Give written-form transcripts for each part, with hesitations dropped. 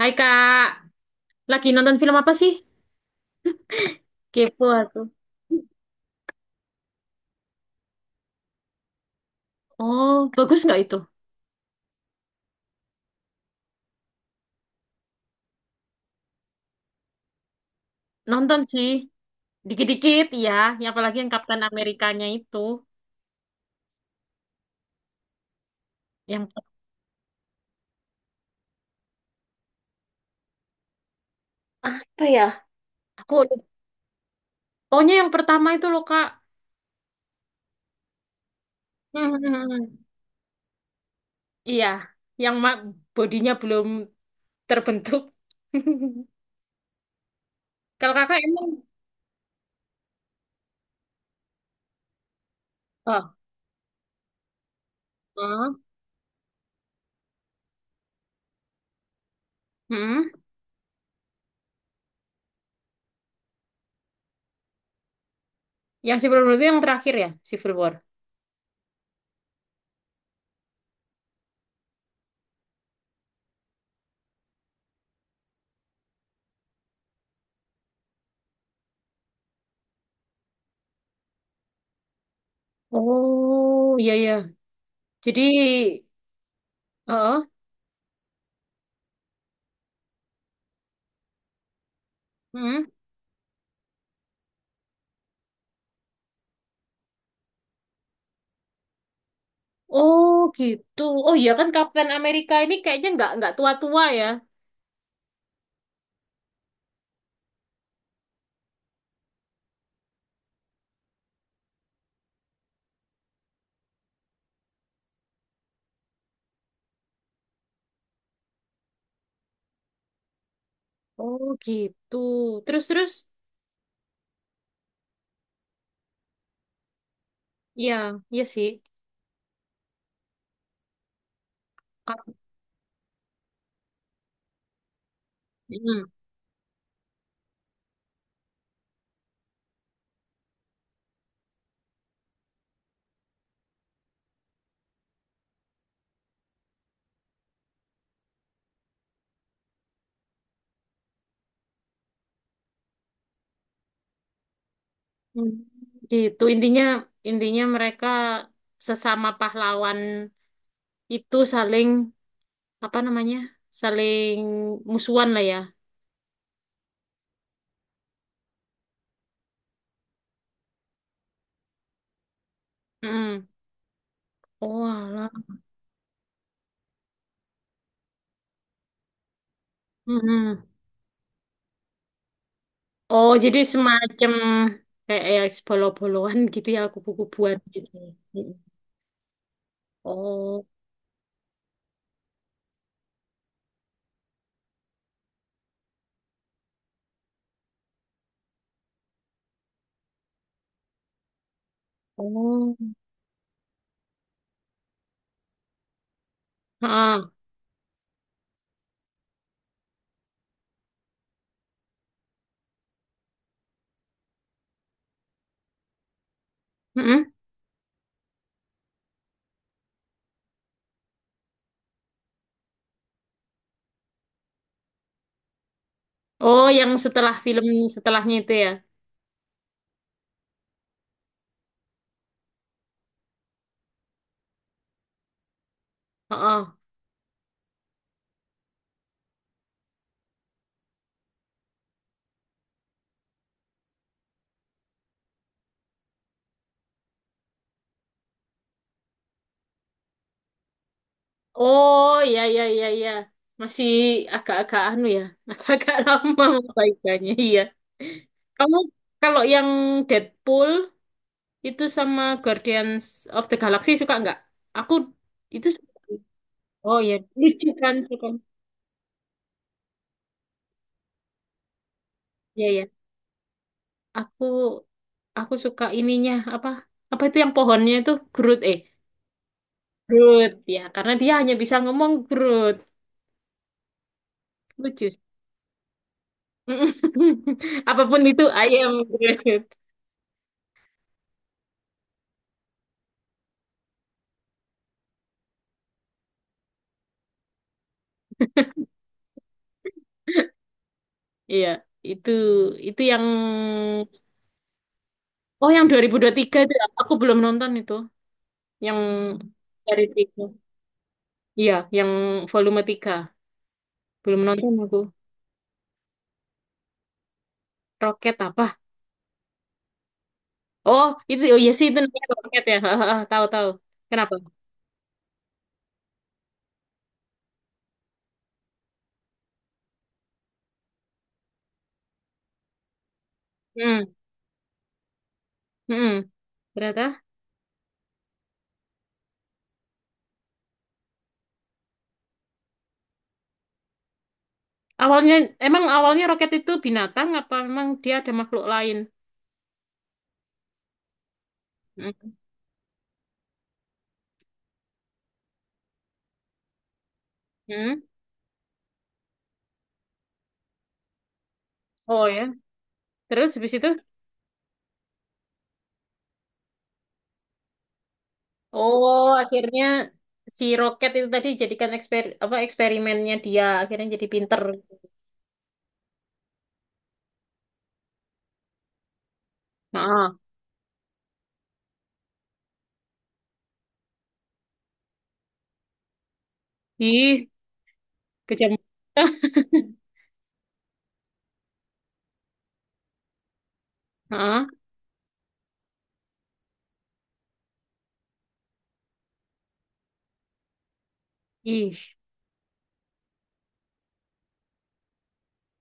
Hai Kak, lagi nonton film apa sih? Kepo aku. Oh, bagus nggak itu? Nonton sih, dikit-dikit iya, ya. Yang apalagi yang Kapten Amerikanya itu. Yang apa ya? Aku Pokoknya yang pertama itu loh, Kak. Hmm, iya, yang ma- bodinya belum terbentuk. Kalau Kakak emang, oh, oh, hmm, yang Civil War itu yang terakhir ya, Civil War. Oh, iya iya. Jadi, oh, hmm. Oh gitu. Oh iya, kan Kapten Amerika ini kayaknya nggak tua-tua ya. Oh gitu. Terus, terus. Iya, iya sih. Kap- Hmm. Hmm. Gitu. Intinya Intinya mereka sesama pahlawan itu saling apa namanya? Saling musuhan lah ya. Hmm. Oh alah. Hmm. Oh, jadi semacam kayak ya bolo-boloan gitu ya, kubu-kubuan gitu. Hmm. Oh. Oh. Ah. Mm-mm. Oh, yang setelah film setelahnya itu ya. Oh, oh, ya, ya, ya, ya. Masih agak-agak anu ya, agak-agak lama perbaikannya. Iya. Kamu kalau yang Deadpool itu sama Guardians of the Galaxy suka nggak? Aku itu suka. Oh ya, lucu kan, suka. Iya, ya. Aku aku suka ininya apa? Apa itu yang pohonnya itu Groot eh Groot ya, karena dia hanya bisa ngomong Groot. Lucu. Apapun itu I am great. Iya, itu itu yang oh yang 2023 itu ya? Aku belum nonton itu. Yang dari tiga. Iya, yang volume 3 belum nonton aku. Roket apa? Oh, itu oh iya sih itu namanya roket ya. Tahu, tahu. Kenapa? Hmm. Hmm. Ternyata awalnya, emang awalnya roket itu binatang apa memang dia ada makhluk lain? Hmm. Hmm. Oh ya. Terus habis itu? Oh, akhirnya si Roket itu tadi jadikan eksperimennya dia akhirnya jadi pinter. Heeh. Ih, kejam. Heeh. Ih.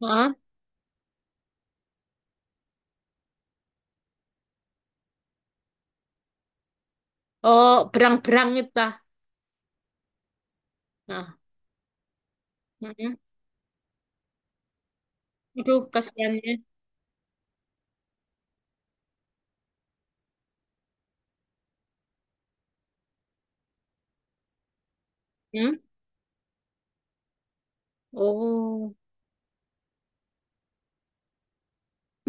Heeh. Oh, berang-berang itu tah. Nah. Heeh. Aduh, kasihannya. Hmm? Oh.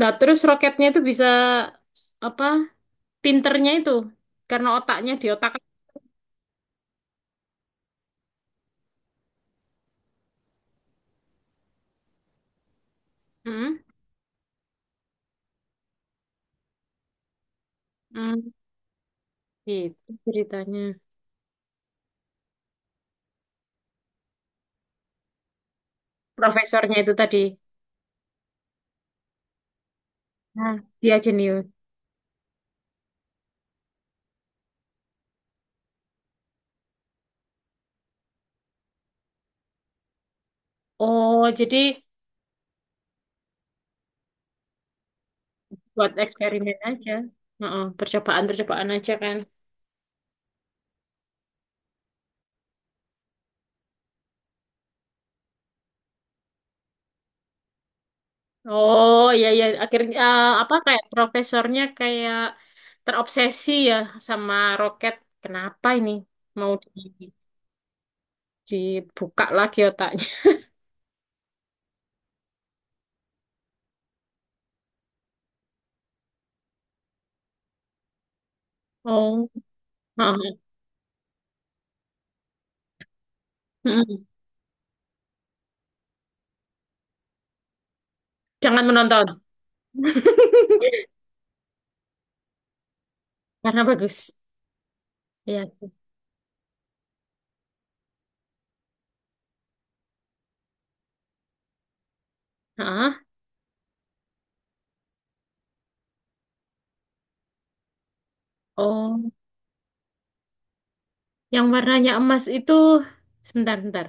Nah, terus roketnya itu bisa apa? Pinternya itu karena otaknya di otak. Hmm? Hmm. Gitu ceritanya. Profesornya itu tadi. Nah, dia jenius. Oh, jadi buat eksperimen aja. Heeh, percobaan-percobaan aja kan. Oh iya iya akhirnya eh, apa kayak profesornya kayak terobsesi ya sama roket. Kenapa ini mau di- dibuka lagi otaknya? Oh, heeh. Mm. Jangan menonton karena bagus. Iya sih. Heeh. Oh, yang warnanya emas itu sebentar-bentar.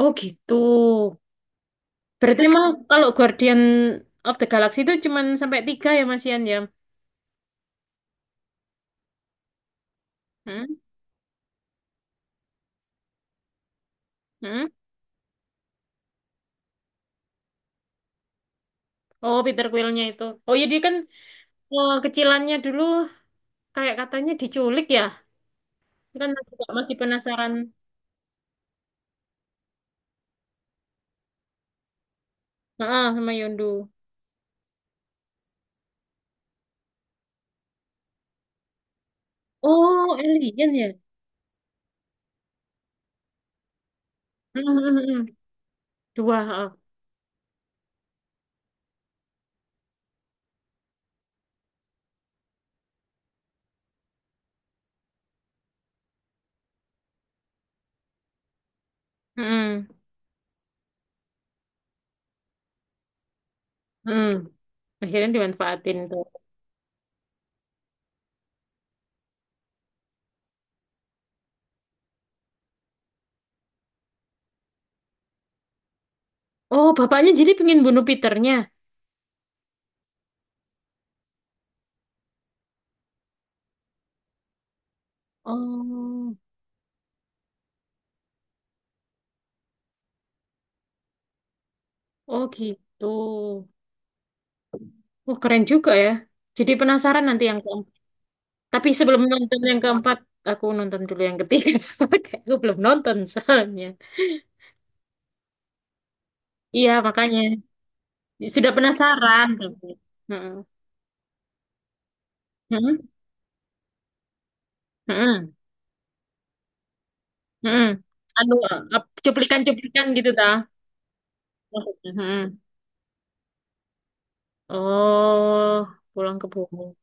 Oh gitu. Berarti emang kalau Guardian of the Galaxy itu cuman sampai tiga ya Mas Ian ya? Hmm? Hmm? Oh Peter Quill-nya itu. Oh ya dia kan eh, kecilannya dulu kayak katanya diculik ya. Dia kan juga masih penasaran. Heeh, sama Yondu. Oh alien ya? Hmm, hmm, hmm, hmm. Dua, heeh. Hmm. Hmm. Akhirnya dimanfaatin tuh. Oh bapaknya jadi pengen bunuh Peternya. Oh, oh gitu. Oh keren juga ya. Jadi penasaran nanti yang ke tapi sebelum nonton yang keempat, aku nonton dulu yang ketiga. Kayak aku belum nonton soalnya. Iya, makanya. Sudah penasaran tapi. Heeh. Heeh. Heeh. Heeh. Anu, ap- cuplikan-cuplikan gitu dah. Heeh. Oh, pulang ke bumi.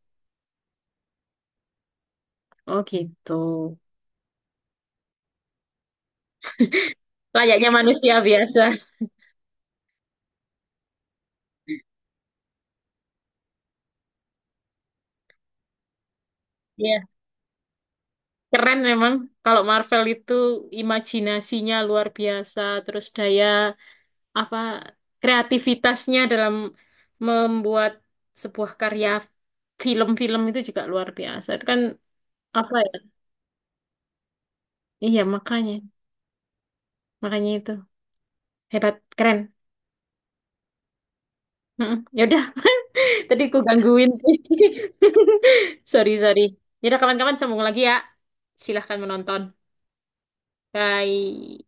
Oh gitu. Layaknya manusia biasa. Iya, keren memang. Kalau Marvel itu imajinasinya luar biasa, terus daya apa kreativitasnya dalam membuat sebuah karya film-film itu juga luar biasa. Itu kan apa ya? Iya, makanya. Makanya itu. Hebat, keren. Mm-mm. Ya udah, tadi aku gangguin sih. Sorry, sorry. Ya udah kawan-kawan sambung lagi ya. Silahkan menonton. Bye.